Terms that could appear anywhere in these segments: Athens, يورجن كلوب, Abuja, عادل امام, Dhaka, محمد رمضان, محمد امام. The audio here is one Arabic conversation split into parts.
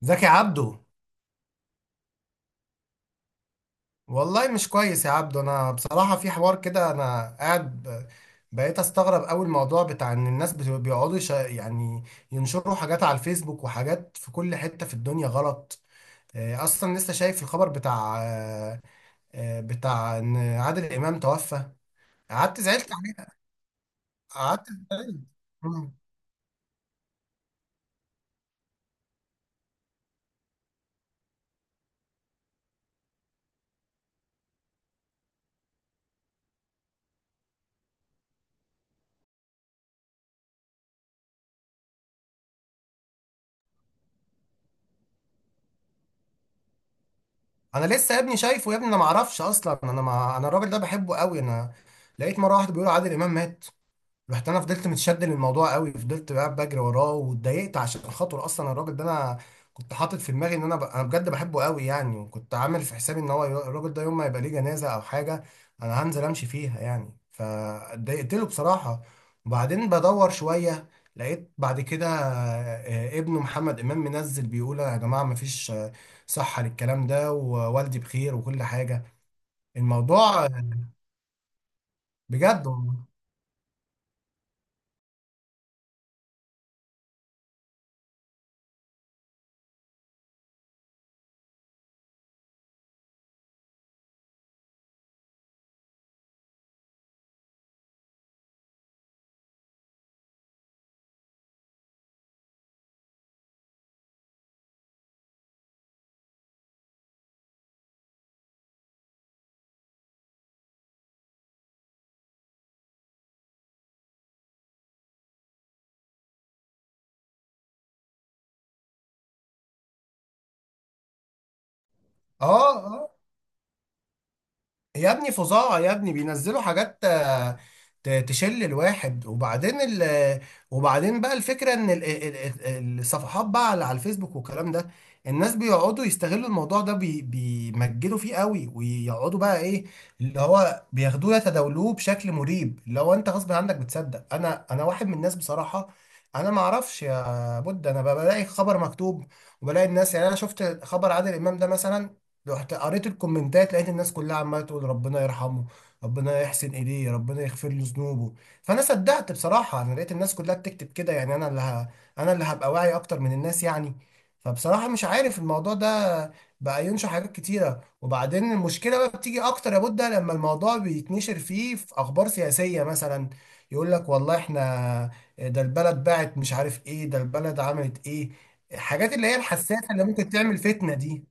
زكي عبده. والله مش كويس يا عبده، انا بصراحة في حوار كده، انا قاعد بقيت استغرب قوي الموضوع بتاع ان الناس بيقعدوا يعني ينشروا حاجات على الفيسبوك وحاجات في كل حتة في الدنيا غلط. اصلا لسه شايف الخبر بتاع بتاع ان عادل امام توفى. قعدت زعلت عليه. قعدت مم. انا لسه يا ابني شايفه، يا ابني انا ما اعرفش اصلا، انا ما انا الراجل ده بحبه قوي. انا لقيت مرة واحدة بيقولوا عادل امام مات. رحت انا فضلت متشد للموضوع قوي، فضلت بقى بجري وراه واتضايقت عشان خاطر اصلا الراجل ده. انا كنت حاطط في دماغي ان انا بجد بحبه قوي يعني، وكنت عامل في حسابي ان هو الراجل ده يوم ما يبقى ليه جنازه او حاجه انا هنزل امشي فيها يعني، فاتضايقت له بصراحه. وبعدين بدور شويه، لقيت بعد كده ابنه محمد امام منزل بيقول يا جماعه مفيش صحه للكلام ده، ووالدي بخير وكل حاجه. الموضوع بجد والله. اه. آه. يا ابني فظاعة يا ابني، بينزلوا حاجات تشل الواحد. وبعدين بقى الفكرة ان الصفحات بقى على الفيسبوك والكلام ده، الناس بيقعدوا يستغلوا الموضوع ده، بيمجدوا فيه قوي ويقعدوا بقى ايه اللي هو بياخدوه يتداولوه بشكل مريب. لو انت غصب عنك بتصدق. انا واحد من الناس بصراحة. انا ما اعرفش يا بود، انا بقى بلاقي خبر مكتوب وبلاقي الناس، يعني انا شفت خبر عادل امام ده مثلا، رحت قريت الكومنتات لقيت الناس كلها عماله تقول ربنا يرحمه، ربنا يحسن اليه، ربنا يغفر له ذنوبه. فانا صدقت بصراحه، انا لقيت الناس كلها بتكتب كده، يعني انا اللي هبقى واعي اكتر من الناس يعني. فبصراحه مش عارف الموضوع ده بقى ينشر حاجات كتيره. وبعدين المشكله بقى بتيجي اكتر يا بودة لما الموضوع بيتنشر فيه في اخبار سياسيه مثلا، يقول لك والله احنا ده البلد باعت، مش عارف ايه، ده البلد عملت ايه، الحاجات اللي هي الحساسه اللي ممكن تعمل فتنه دي.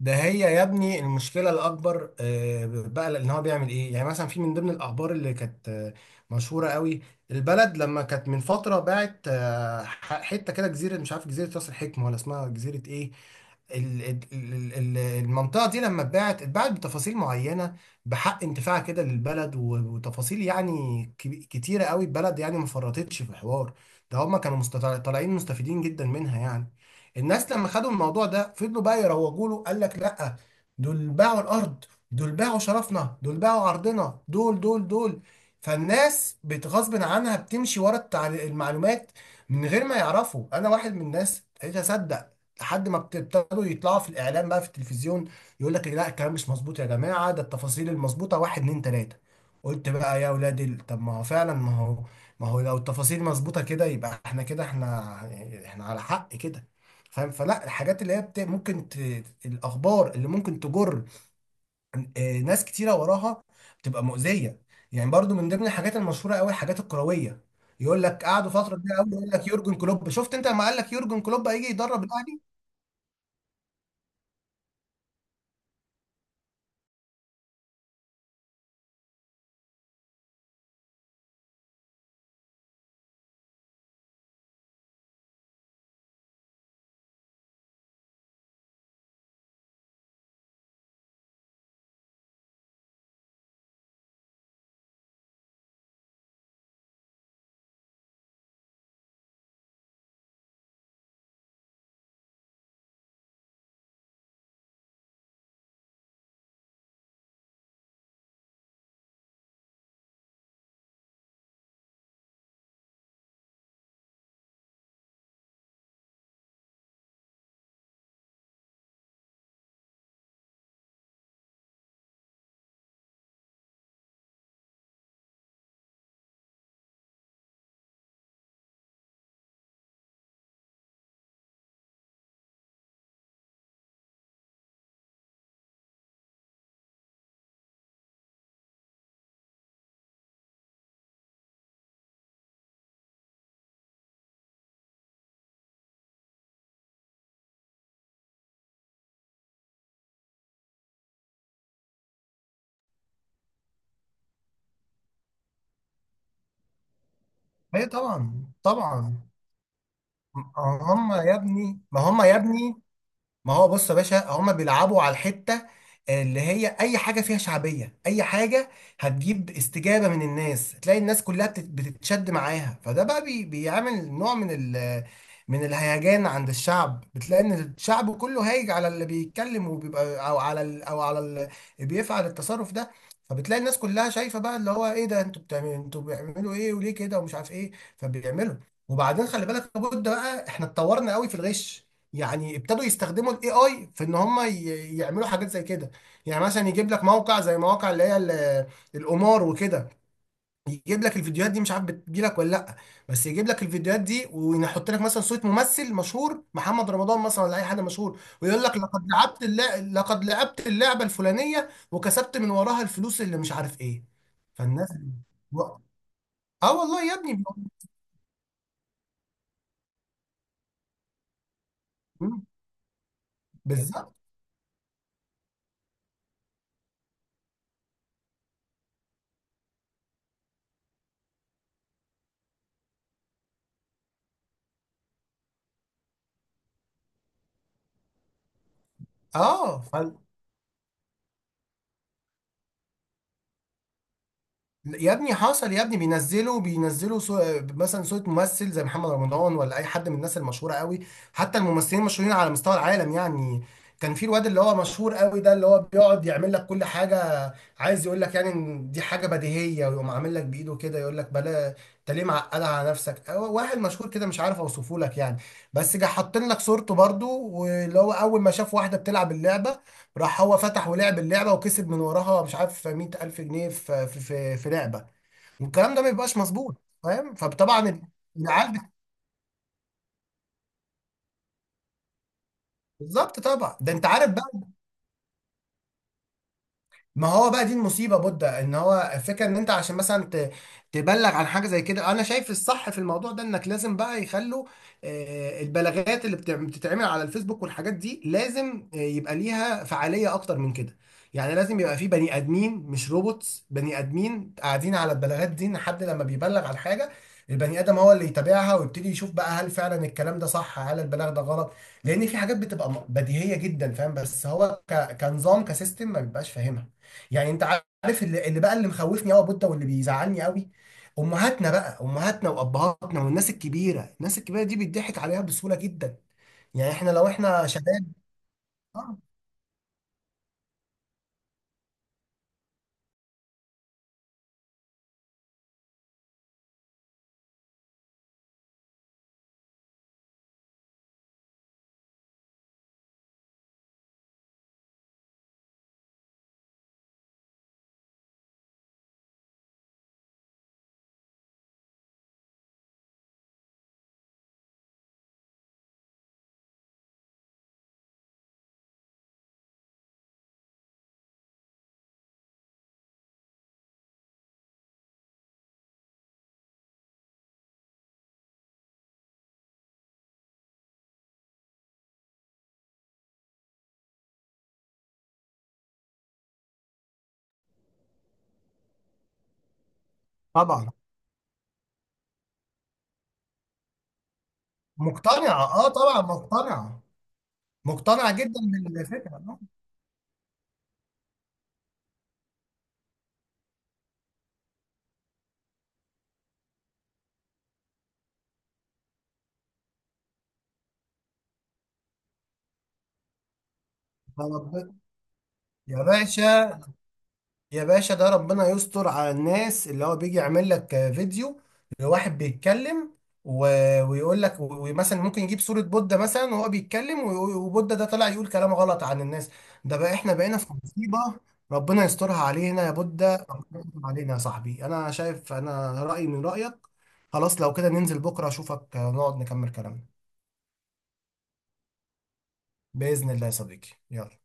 ده هي يا ابني المشكله الاكبر بقى، ان هو بيعمل ايه يعني؟ مثلا في من ضمن الاخبار اللي كانت مشهوره قوي، البلد لما كانت من فتره باعت حته كده جزيره، مش عارف جزيره راس الحكمه ولا اسمها جزيره ايه. المنطقة دي لما اتباعت، اتباعت بتفاصيل معينة بحق انتفاع كده للبلد، وتفاصيل يعني كتيرة قوي، البلد يعني ما فرطتش في الحوار ده، هما كانوا طالعين مستفيدين جدا منها يعني. الناس لما خدوا الموضوع ده فضلوا بقى يروجوا له، قال لك لا، دول باعوا الأرض، دول باعوا شرفنا، دول باعوا عرضنا، دول دول دول. فالناس بتغصب عنها بتمشي ورا المعلومات من غير ما يعرفوا. انا واحد من الناس ابتديت اصدق لحد ما ابتدوا يطلعوا في الاعلام بقى في التلفزيون، يقول لك لا الكلام مش مظبوط يا جماعه، ده التفاصيل المظبوطه واحد اتنين تلاته. قلت بقى يا ولاد طب ما هو فعلا، ما هو لو التفاصيل مظبوطه كده يبقى احنا كده، احنا يعني احنا على حق كده، فاهم؟ فلا الحاجات اللي هي الاخبار اللي ممكن تجر ناس كتيره وراها بتبقى مؤذيه. يعني برضو من ضمن الحاجات المشهوره قوي الحاجات الكرويه، يقول لك قعدوا فتره كبيره قوي يقول لك يورجن كلوب، شفت انت لما قال لك يورجن كلوب هيجي يدرب الاهلي؟ ايه طبعا طبعا. ما هم يا ابني ما هم يا ابني، ما هو بص يا باشا هما بيلعبوا على الحتة اللي هي أي حاجة فيها شعبية، أي حاجة هتجيب استجابة من الناس تلاقي الناس كلها بتتشد معاها. فده بقى بيعمل نوع من من الهيجان عند الشعب، بتلاقي إن الشعب كله هايج على اللي بيتكلم وبيبقى، أو على اللي بيفعل التصرف ده. فبتلاقي الناس كلها شايفة بقى اللي هو إيه ده، أنتوا بتعملوا، أنتوا بيعملوا إيه وليه كده ومش عارف إيه، فبيعملوا. وبعدين خلي بالك لابد بقى، إحنا اتطورنا قوي في الغش، يعني ابتدوا يستخدموا الاي اي في ان هم يعملوا حاجات زي كده. يعني مثلا يجيب لك موقع زي مواقع اللي هي القمار وكده، يجيب لك الفيديوهات دي، مش عارف بتجيلك ولا لا، بس يجيب لك الفيديوهات دي ويحط لك مثلا صوت ممثل مشهور محمد رمضان مثلا ولا اي حد مشهور، ويقول لك لقد لعبت اللعبه الفلانيه وكسبت من وراها الفلوس اللي مش عارف ايه. فالناس اه والله يا ابني. بالظبط. اه يا ابني حصل يا ابني، مثلا صورة ممثل زي محمد رمضان ولا اي حد من الناس المشهورة قوي، حتى الممثلين المشهورين على مستوى العالم يعني. كان في الواد اللي هو مشهور قوي ده اللي هو بيقعد يعمل لك كل حاجة، عايز يقول لك يعني ان دي حاجة بديهية ويقوم عامل لك بايده كده يقول لك بلا، انت ليه معقد على نفسك؟ هو واحد مشهور كده مش عارف اوصفه لك يعني. بس جه حاطين لك صورته برضو، واللي هو اول ما شاف واحدة بتلعب اللعبة، راح هو فتح ولعب اللعبه وكسب من وراها مش عارف 100000 جنيه في لعبه، والكلام ده ما بيبقاش مظبوط. فاهم؟ فطبعا العيال بالظبط طبعا. ده انت عارف بقى، ما هو بقى دي المصيبه بودة، ان هو الفكره ان انت عشان مثلا تبلغ عن حاجه زي كده، انا شايف الصح في الموضوع ده انك لازم بقى يخلوا البلاغات اللي بتتعمل على الفيسبوك والحاجات دي لازم يبقى ليها فعاليه اكتر من كده. يعني لازم يبقى في بني ادمين مش روبوتس، بني ادمين قاعدين على البلاغات دي، ان حد لما بيبلغ عن حاجه البني ادم هو اللي يتابعها ويبتدي يشوف بقى هل فعلا الكلام ده صح، هل البلاغ ده غلط. لان في حاجات بتبقى بديهيه جدا فاهم، بس هو كنظام كسيستم ما بيبقاش فاهمها. يعني انت عارف اللي بقى اللي مخوفني قوي يا بودة واللي بيزعلني قوي، امهاتنا بقى، امهاتنا وابهاتنا والناس الكبيره، الناس الكبيره دي بيضحك عليها بسهوله جدا. يعني احنا لو احنا شباب آه، طبعا. مقتنعه اه طبعا، مقتنعه جدا بالفكره آه. يا رب- يا باشا، يا باشا ده ربنا يستر على الناس اللي هو بيجي يعمل لك فيديو لواحد بيتكلم و... ويقول لك، ومثلا ممكن يجيب صورة بودة مثلا وهو بيتكلم وبودة ده طلع يقول كلام غلط عن الناس. ده بقى احنا بقينا في مصيبة. ربنا يسترها علينا يا بودة، ربنا يستر علينا يا صاحبي، انا شايف انا رأيي من رأيك. خلاص لو كده ننزل بكرة اشوفك نقعد نكمل كلامنا. بإذن الله يا صديقي، يلا.